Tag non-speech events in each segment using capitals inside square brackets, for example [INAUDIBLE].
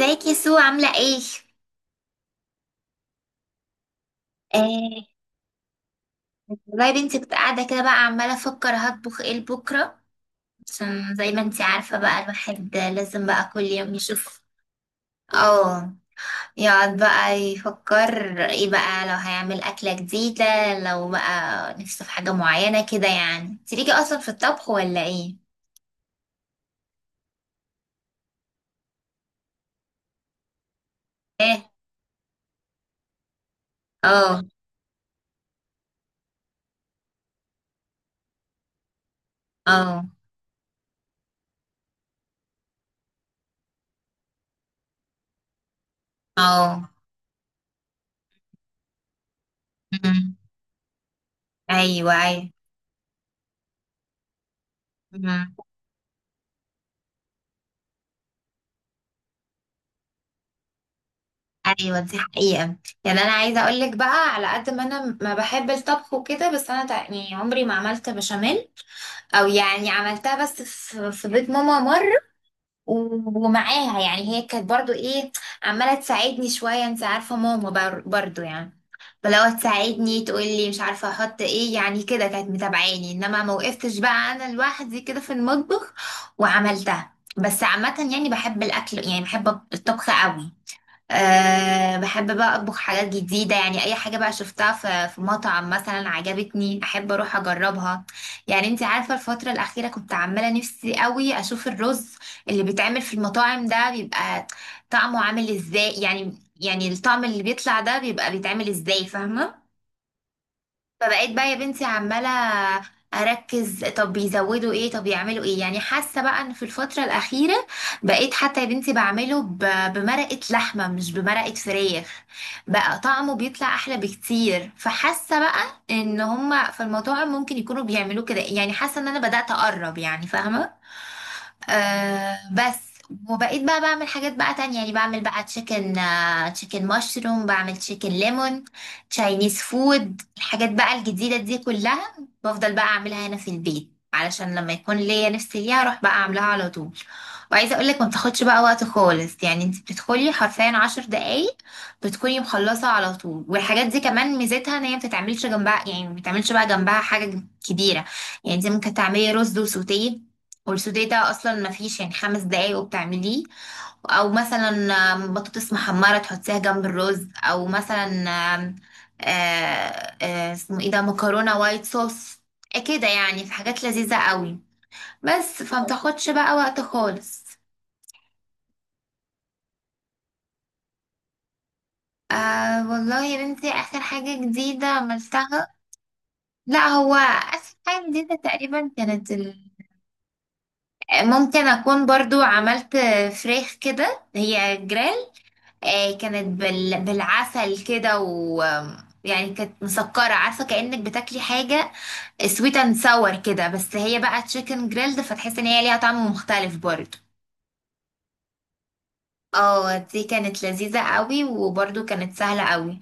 ازيك يا سو عاملة ايه؟ آه. والله يا بنتي، كنت قاعدة كده بقى عمالة افكر هطبخ ايه لبكرة. عشان زي ما انتي عارفة بقى، الواحد لازم بقى كل يوم يشوف. اه. يقعد بقى يفكر ايه بقى لو هيعمل أكلة جديدة، لو بقى نفسه في حاجة معينة كده. يعني انتي ليكي اصلا في الطبخ ولا ايه؟ ايه؟ اه. اه. اه. مم. ايوه، ايوه. مم. ايوه، دي حقيقة. يعني انا عايزة اقولك بقى، على قد ما انا ما بحب الطبخ وكده، بس انا يعني عمري ما عملت بشاميل. او يعني عملتها بس في بيت ماما مرة، ومعاها، يعني هي كانت برضو ايه، عمالة تساعدني شوية. انت عارفة ماما برضو يعني، فلو تساعدني تقولي مش عارفة احط ايه، يعني كده كانت متابعاني، انما ما وقفتش بقى انا لوحدي كده في المطبخ وعملتها. بس عامة يعني بحب الاكل، يعني بحب الطبخ قوي. أه، بحب بقى أطبخ حاجات جديدة، يعني أي حاجة بقى شفتها في مطعم مثلا عجبتني أحب أروح أجربها. يعني أنت عارفة، الفترة الأخيرة كنت عمالة نفسي قوي أشوف الرز اللي بيتعمل في المطاعم ده، بيبقى طعمه عامل إزاي يعني، يعني الطعم اللي بيطلع ده بيبقى بيتعمل إزاي، فاهمة؟ فبقيت بقى يا بنتي عمالة أركز، طب بيزودوا ايه، طب يعملوا ايه. يعني حاسة بقى ان في الفترة الأخيرة بقيت حتى يا بنتي بعمله بمرقة لحمة مش بمرقة فراخ، بقى طعمه بيطلع أحلى بكتير. فحاسة بقى ان هما في المطاعم ممكن يكونوا بيعملوه كده، يعني حاسة ان انا بدأت أقرب، يعني فاهمة. آه بس. وبقيت بقى بعمل حاجات بقى تانية، يعني بعمل بقى تشيكن، آه تشيكن مشروم، بعمل تشيكن ليمون، تشاينيز فود، الحاجات بقى الجديدة دي كلها بفضل بقى أعملها هنا في البيت علشان لما يكون ليا نفسي ليها أروح بقى أعملها على طول. وعايزة أقولك ما بتاخدش بقى وقت خالص، يعني انت بتدخلي حرفيا 10 دقايق بتكوني مخلصة على طول. والحاجات دي كمان ميزتها ان هي ما بتتعملش جنبها، يعني ما بتتعملش بقى جنبها حاجة كبيرة. يعني انت ممكن تعملي رز وسوتيه، والسوداء ده اصلا ما فيش يعني 5 دقايق وبتعمليه. او مثلا بطاطس محمره تحطيها جنب الرز. او مثلا آم، آه، آه، اسمه ايه ده، مكرونه وايت صوص كده. يعني في حاجات لذيذه قوي. بس فمتاخدش بقى وقت خالص. آه والله يا بنتي، اخر حاجه جديده عملتها، لا، هو اخر حاجه جديده تقريبا كانت ممكن اكون برضو عملت فراخ كده هي جريل. كانت بالعسل كده، و يعني كانت مسكرة، عارفة كأنك بتاكلي حاجة سويت اند ساور كده، بس هي بقى تشيكن جريلد، فتحسي ان هي ليها طعم مختلف برضه. اه، دي كانت لذيذة قوي وبرضه كانت سهلة قوي.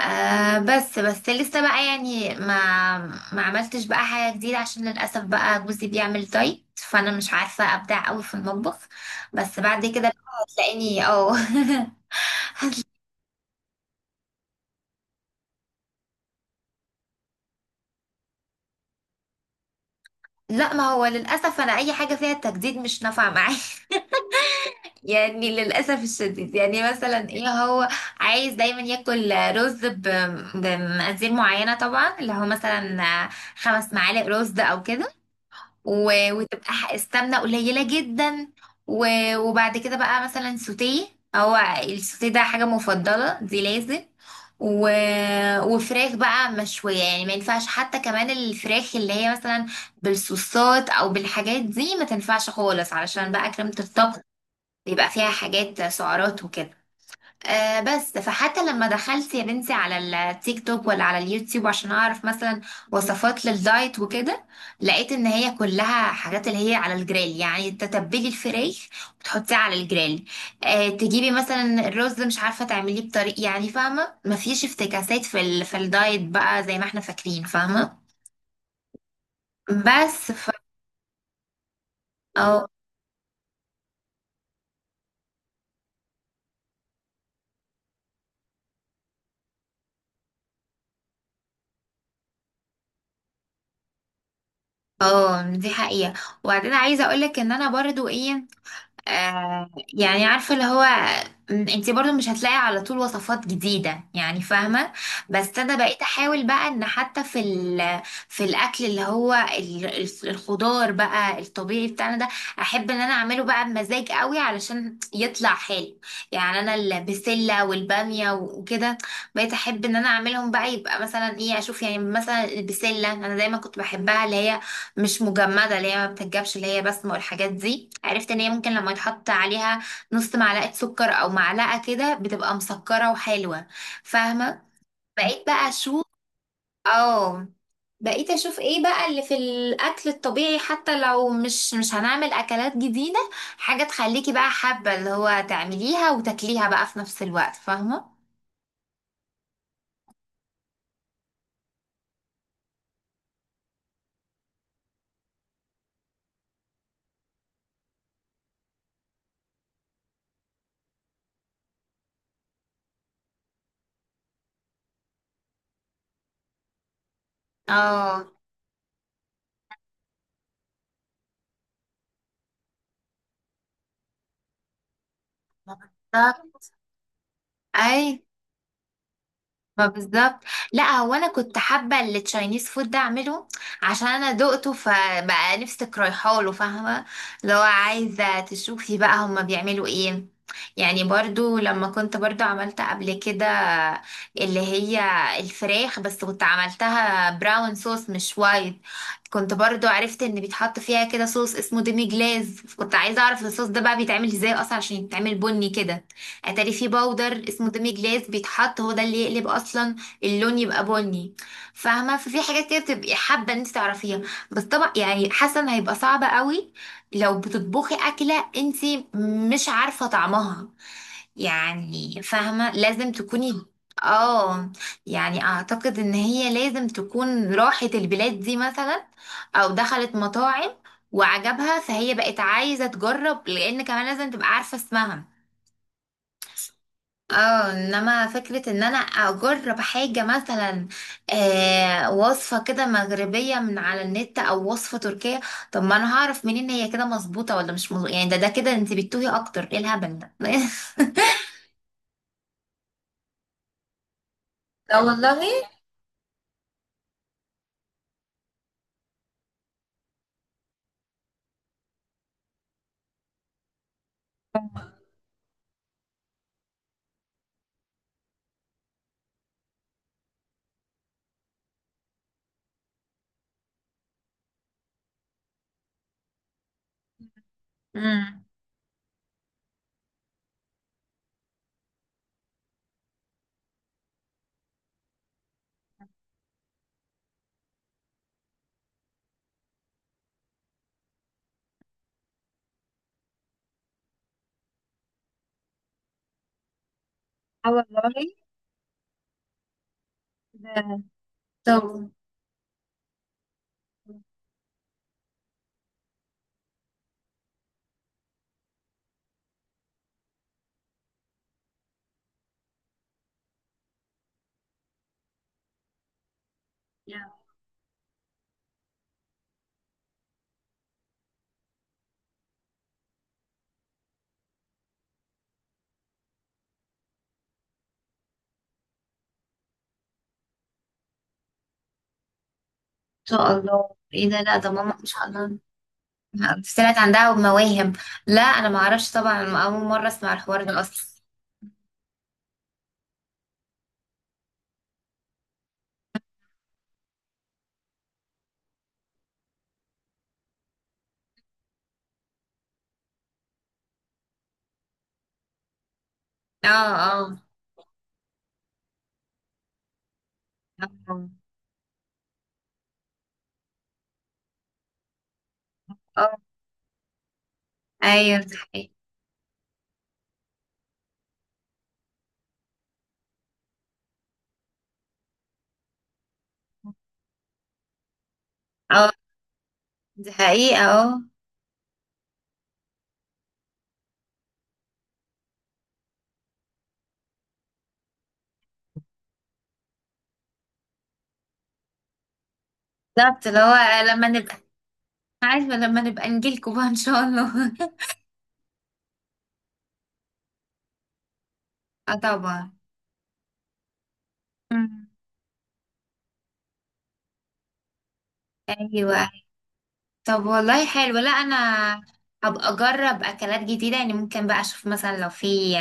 آه بس لسه بقى يعني ما عملتش بقى حاجة جديدة، عشان للأسف بقى جوزي بيعمل دايت فأنا مش عارفة أبدع قوي في المطبخ. بس بعد كده بقى هتلاقيني، اه [LAUGHS] لا، ما هو للأسف أنا أي حاجة فيها التجديد مش نافعة معايا [LAUGHS] يعني للأسف الشديد، يعني مثلا إيه، هو عايز دايما ياكل رز بمقادير معينة، طبعا اللي هو مثلا 5 معالق رز أو كده، وتبقى السمنة قليلة جدا، وبعد كده بقى مثلا سوتيه. هو السوتيه ده حاجة مفضلة دي لازم، و... وفراخ بقى مشوية. يعني ما ينفعش حتى كمان الفراخ اللي هي مثلا بالصوصات او بالحاجات دي، ما تنفعش خالص علشان بقى كريمة الطبخ بيبقى فيها حاجات سعرات وكده. آه بس، فحتى لما دخلت يا بنتي على التيك توك ولا على اليوتيوب عشان اعرف مثلا وصفات للدايت وكده، لقيت ان هي كلها حاجات اللي هي على الجريل، يعني تتبلي الفراخ وتحطيه على الجريل. آه، تجيبي مثلا الرز مش عارفه تعمليه بطريق، يعني فاهمه مفيش افتكاسات في الدايت بقى زي ما احنا فاكرين، فاهمه. بس ف... اه. اه دي حقيقة. وبعدين عايزة اقولك ان انا برضو ايه، آه يعني عارفة اللي هو، انتي برضو مش هتلاقي على طول وصفات جديدة، يعني فاهمة. بس انا بقيت احاول بقى ان حتى في الاكل اللي هو الخضار بقى الطبيعي بتاعنا ده، احب ان انا اعمله بقى بمزاج قوي علشان يطلع حلو. يعني انا البسلة والبامية وكده بقيت احب ان انا اعملهم بقى، يبقى مثلا ايه اشوف، يعني مثلا البسلة انا دايما كنت بحبها، اللي هي مش مجمدة، اللي هي ما بتتجابش، اللي هي بسمة، والحاجات دي عرفت ان هي ممكن لما يتحط عليها نص معلقة سكر او معلقة كده بتبقى مسكرة وحلوة، فاهمة؟ بقيت بقى اشوف، اه، بقيت اشوف ايه بقى اللي في الاكل الطبيعي، حتى لو مش هنعمل اكلات جديدة، حاجة تخليكي بقى حابة اللي هو تعمليها وتاكليها بقى في نفس الوقت، فاهمة؟ اه، بالظبط. اي، ما بالظبط. لا، هو انا كنت حابه التشاينيز فود ده اعمله عشان انا دقته، فبقى نفسك رايحه له، فاهمه. لو عايزه تشوفي بقى هما بيعملوا ايه. يعني برضو لما كنت برضو عملت قبل كده اللي هي الفراخ، بس كنت عملتها براون صوص مش وايت. كنت برضو عرفت ان بيتحط فيها كده صوص اسمه ديمي جلاز، كنت عايزه اعرف الصوص ده بقى بيتعمل ازاي اصلا عشان يتعمل بني كده. اتاري في باودر اسمه ديمي جلاس بيتحط، هو ده اللي يقلب اصلا اللون يبقى بني، فاهمه. ففي حاجات كده بتبقي حابه ان انت تعرفيها. بس طبعا يعني حسن هيبقى صعب قوي لو بتطبخي اكله انت مش عارفه طعمها، يعني فاهمه لازم تكوني. اه، يعني اعتقد ان هي لازم تكون راحت البلاد دي مثلا او دخلت مطاعم وعجبها، فهي بقت عايزه تجرب، لان كمان لازم تبقى عارفه اسمها. اه، انما فكرة ان انا اجرب حاجة مثلا، آه وصفة كده مغربية من على النت او وصفة تركية، طب ما انا هعرف منين هي كده مظبوطة ولا مش مظبوطة، يعني ده كده انت بتتوهي اكتر، ايه الهبل ده [LAUGHS] لا والله. امم. اه والله. ده- طب لا، ان شاء الله ايه ده، لا ده ماما ان شاء الله طلعت عندها مواهب. لا انا ما اعرفش طبعا، اول مرة اسمع الحوار ده اصلا. اه. اه. اه. آه. ايوه. اه دي حقيقة، اه. بالظبط اللي هو لما نبقى، عارفة لما نبقى نجيلكوا بقى ان شاء الله. [LAUGHS] اه طبعا. مم. ايوه. طب والله حلو. لا، انا هبقى اجرب اكلات جديده، يعني ممكن بقى اشوف مثلا لو في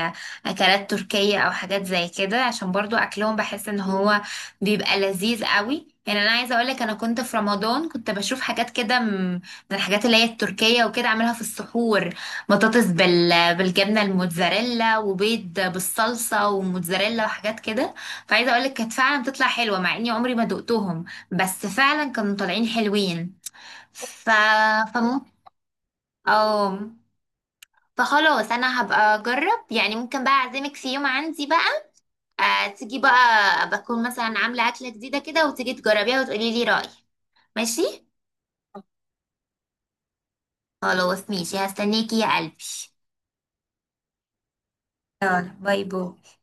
اكلات تركيه او حاجات زي كده عشان برضو اكلهم بحس ان هو بيبقى لذيذ قوي. يعني انا عايزه اقول لك، انا كنت في رمضان كنت بشوف حاجات كده من الحاجات اللي هي التركيه وكده اعملها في السحور. بطاطس بالجبنه الموتزاريلا، وبيض بالصلصه وموتزاريلا، وحاجات كده. فعايزه اقول لك كانت فعلا بتطلع حلوه مع اني عمري ما دقتهم، بس فعلا كانوا طالعين حلوين. ف فممكن اه. فخلاص انا هبقى اجرب، يعني ممكن بقى اعزمك في يوم عندي بقى، آه تيجي بقى بكون مثلا عامله اكله جديده كده وتيجي تجربيها وتقولي لي رايك، ماشي؟ خلاص ماشي هستنيكي يا قلبي. باي باي.